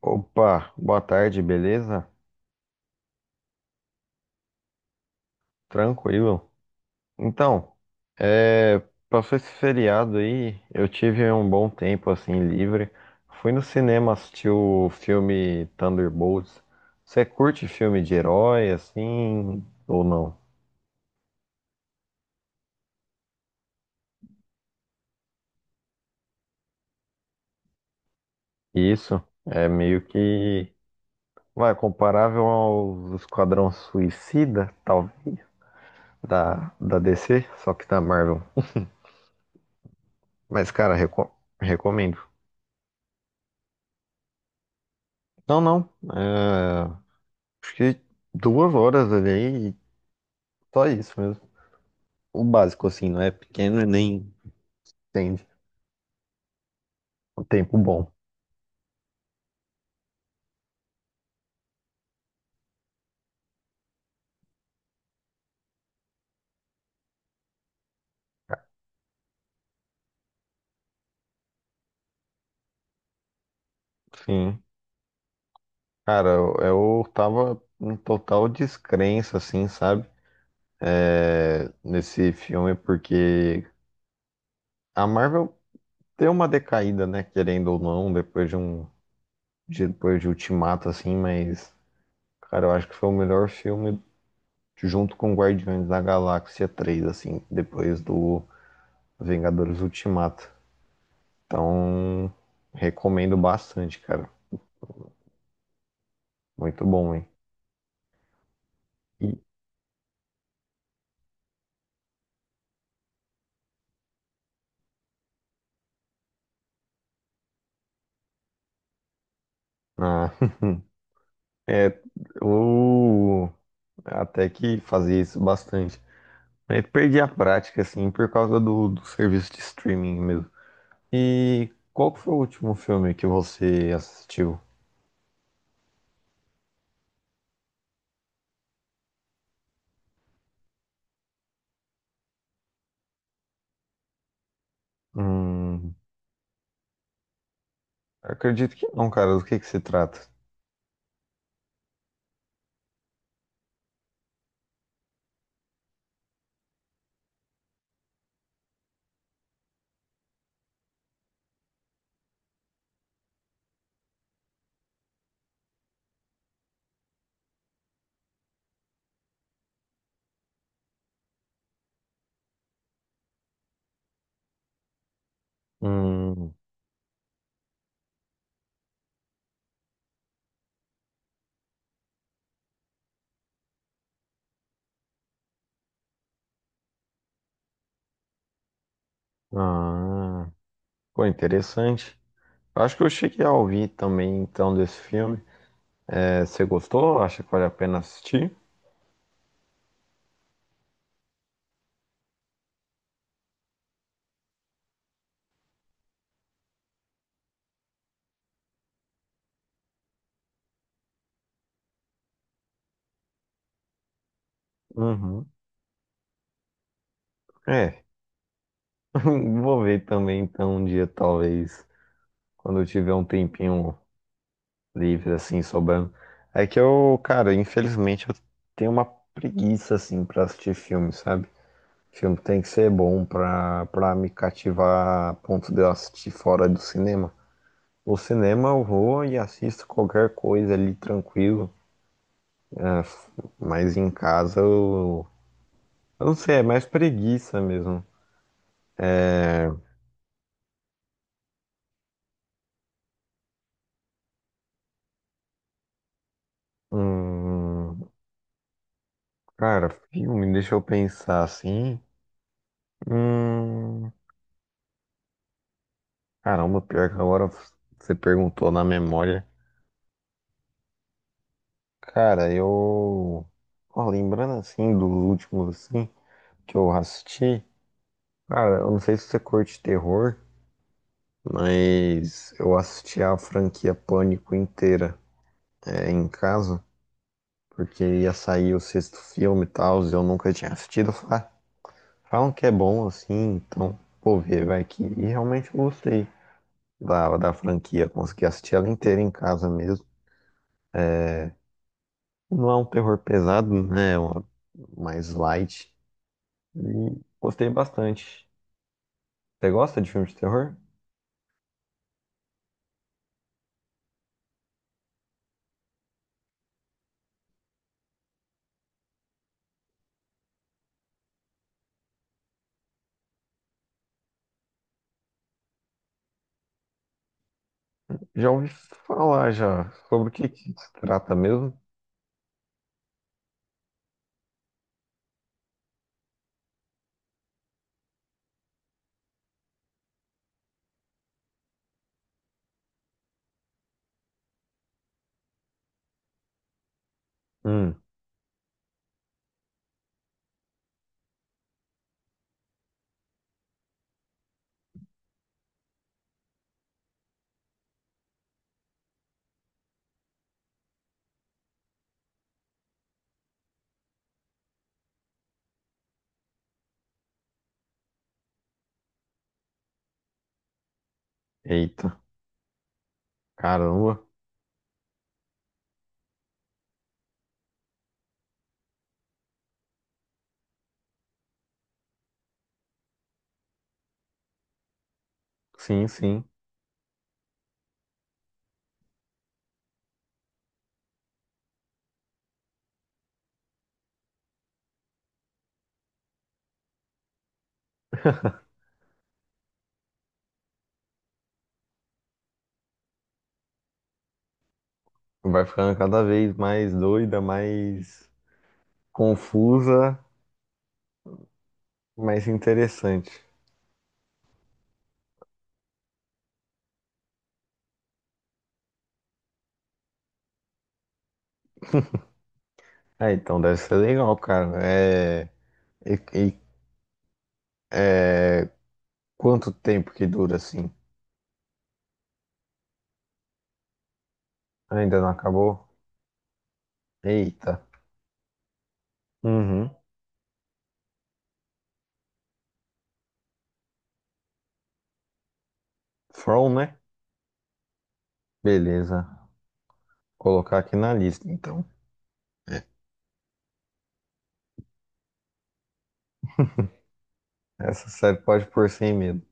Opa, boa tarde, beleza? Tranquilo. Então, é, passou esse feriado aí, eu tive um bom tempo assim livre. Fui no cinema assistir o filme Thunderbolts. Você curte filme de herói assim ou não? Isso é meio que vai comparável ao Esquadrão Suicida, tal da DC, só que da Marvel. Mas cara, recomendo. Não, não. é, Fiquei 2 horas ali e só isso mesmo. O básico, assim, não é pequeno e nem entende. O tempo bom. Sim. Cara, eu tava em total descrença, assim, sabe? É, nesse filme, porque a Marvel deu uma decaída, né? Querendo ou não, depois de um. Depois de Ultimato, assim, mas. Cara, eu acho que foi o melhor filme junto com Guardiões da Galáxia 3 assim, depois do Vingadores Ultimato. Então, recomendo bastante, cara. Muito bom, hein? E, ah, é, eu até que fazia isso bastante. Aí perdi a prática, assim, por causa do serviço de streaming mesmo. E qual que foi o último filme que você assistiu? Hum, acredito que não, cara. Do que se trata? Hum, ah, pô, interessante. Eu acho que eu cheguei a ouvir também, então, desse filme. É, você gostou? Acha que vale a pena assistir? Uhum. É, vou ver também então um dia, talvez, quando eu tiver um tempinho livre, assim, sobrando. É que eu, cara, infelizmente eu tenho uma preguiça, assim, pra assistir filme, sabe? Filme tem que ser bom pra me cativar a ponto de eu assistir fora do cinema. No cinema eu vou e assisto qualquer coisa ali tranquilo, né? Mas em casa eu não sei, é mais preguiça mesmo. Hum, cara, filme, deixa eu pensar assim. Hum, caramba, pior que agora você perguntou na memória. Cara, eu. Ó, lembrando assim dos últimos assim que eu assisti. Cara, eu não sei se você curte terror, mas eu assisti a franquia Pânico inteira em casa, porque ia sair o sexto filme e tal, e eu nunca tinha assistido. Eu falei, "Ah, falam que é bom assim, então vou ver, vai que. E realmente eu gostei da franquia, consegui assistir ela inteira em casa mesmo. Não é um terror pesado, né? Mais light. E gostei bastante. Você gosta de filme de terror? Já ouvi falar já sobre o que que se trata mesmo? Hum, eita, caramba. Sim, sim. Vai ficando cada vez mais doida, mais confusa, mais interessante. Ah, então deve ser legal, cara. E, e- é... Quanto tempo que dura assim? Ainda não acabou? Eita. Uhum. From, né? Beleza. Colocar aqui na lista, então. É. Essa série pode pôr sem medo.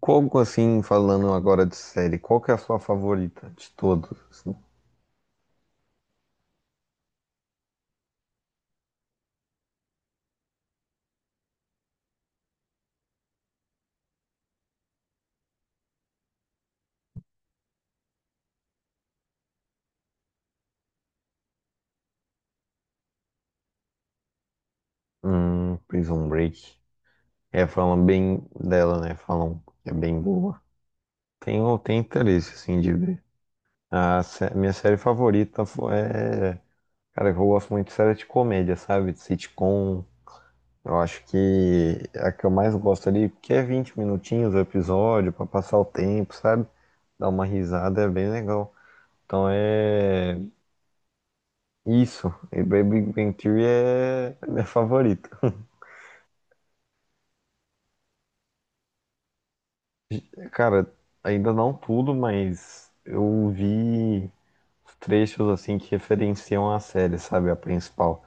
Qual, assim, falando agora de série, qual que é a sua favorita de todos assim? Prison Break. É, falam bem dela, né? Falam que é bem boa. Tenho interesse, assim, de ver. Minha série favorita cara, eu gosto muito de série de comédia, sabe? De sitcom, eu acho que a que eu mais gosto ali, porque é 20 minutinhos o episódio, pra passar o tempo, sabe? Dar uma risada é bem legal. Então é isso. E Baby Bang Theory é a minha favorita. Cara, ainda não tudo, mas eu vi os trechos assim que referenciam a série, sabe? A principal.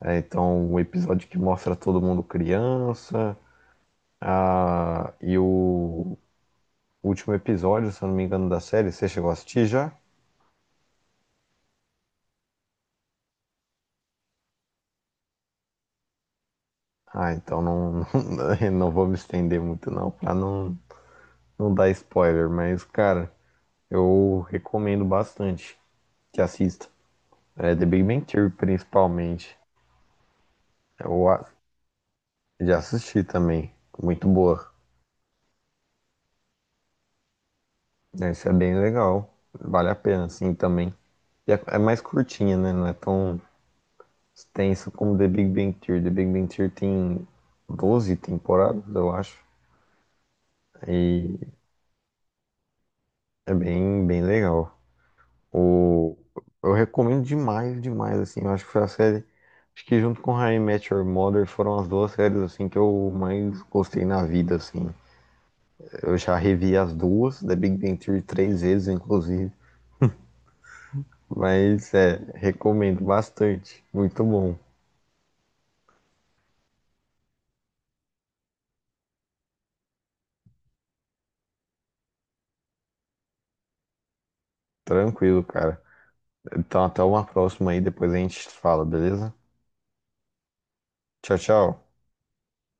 É, então, o episódio que mostra todo mundo criança, e o último episódio, se eu não me engano, da série, você chegou a assistir já? Ah, então não, não, não vou me estender muito não, pra não dar spoiler, mas cara, eu recomendo bastante que assista. É The Big Bang Theory principalmente. Eu a- já assisti também, muito boa. Esse é bem legal, vale a pena assim também. E é mais curtinha, né? Não é tão extensa como The Big Bang Theory. The Big Bang Theory tem 12 temporadas, eu acho. E é bem, bem legal. O... Eu recomendo demais, demais, assim. Eu acho que foi a série. Acho que junto com How I Met Your Mother foram as duas séries, assim, que eu mais gostei na vida, assim. Eu já revi as duas, The Big Bang Theory três vezes, inclusive. Mas, é, recomendo bastante. Muito bom. Tranquilo, cara. Então, até uma próxima aí, depois a gente fala, beleza? Tchau, tchau.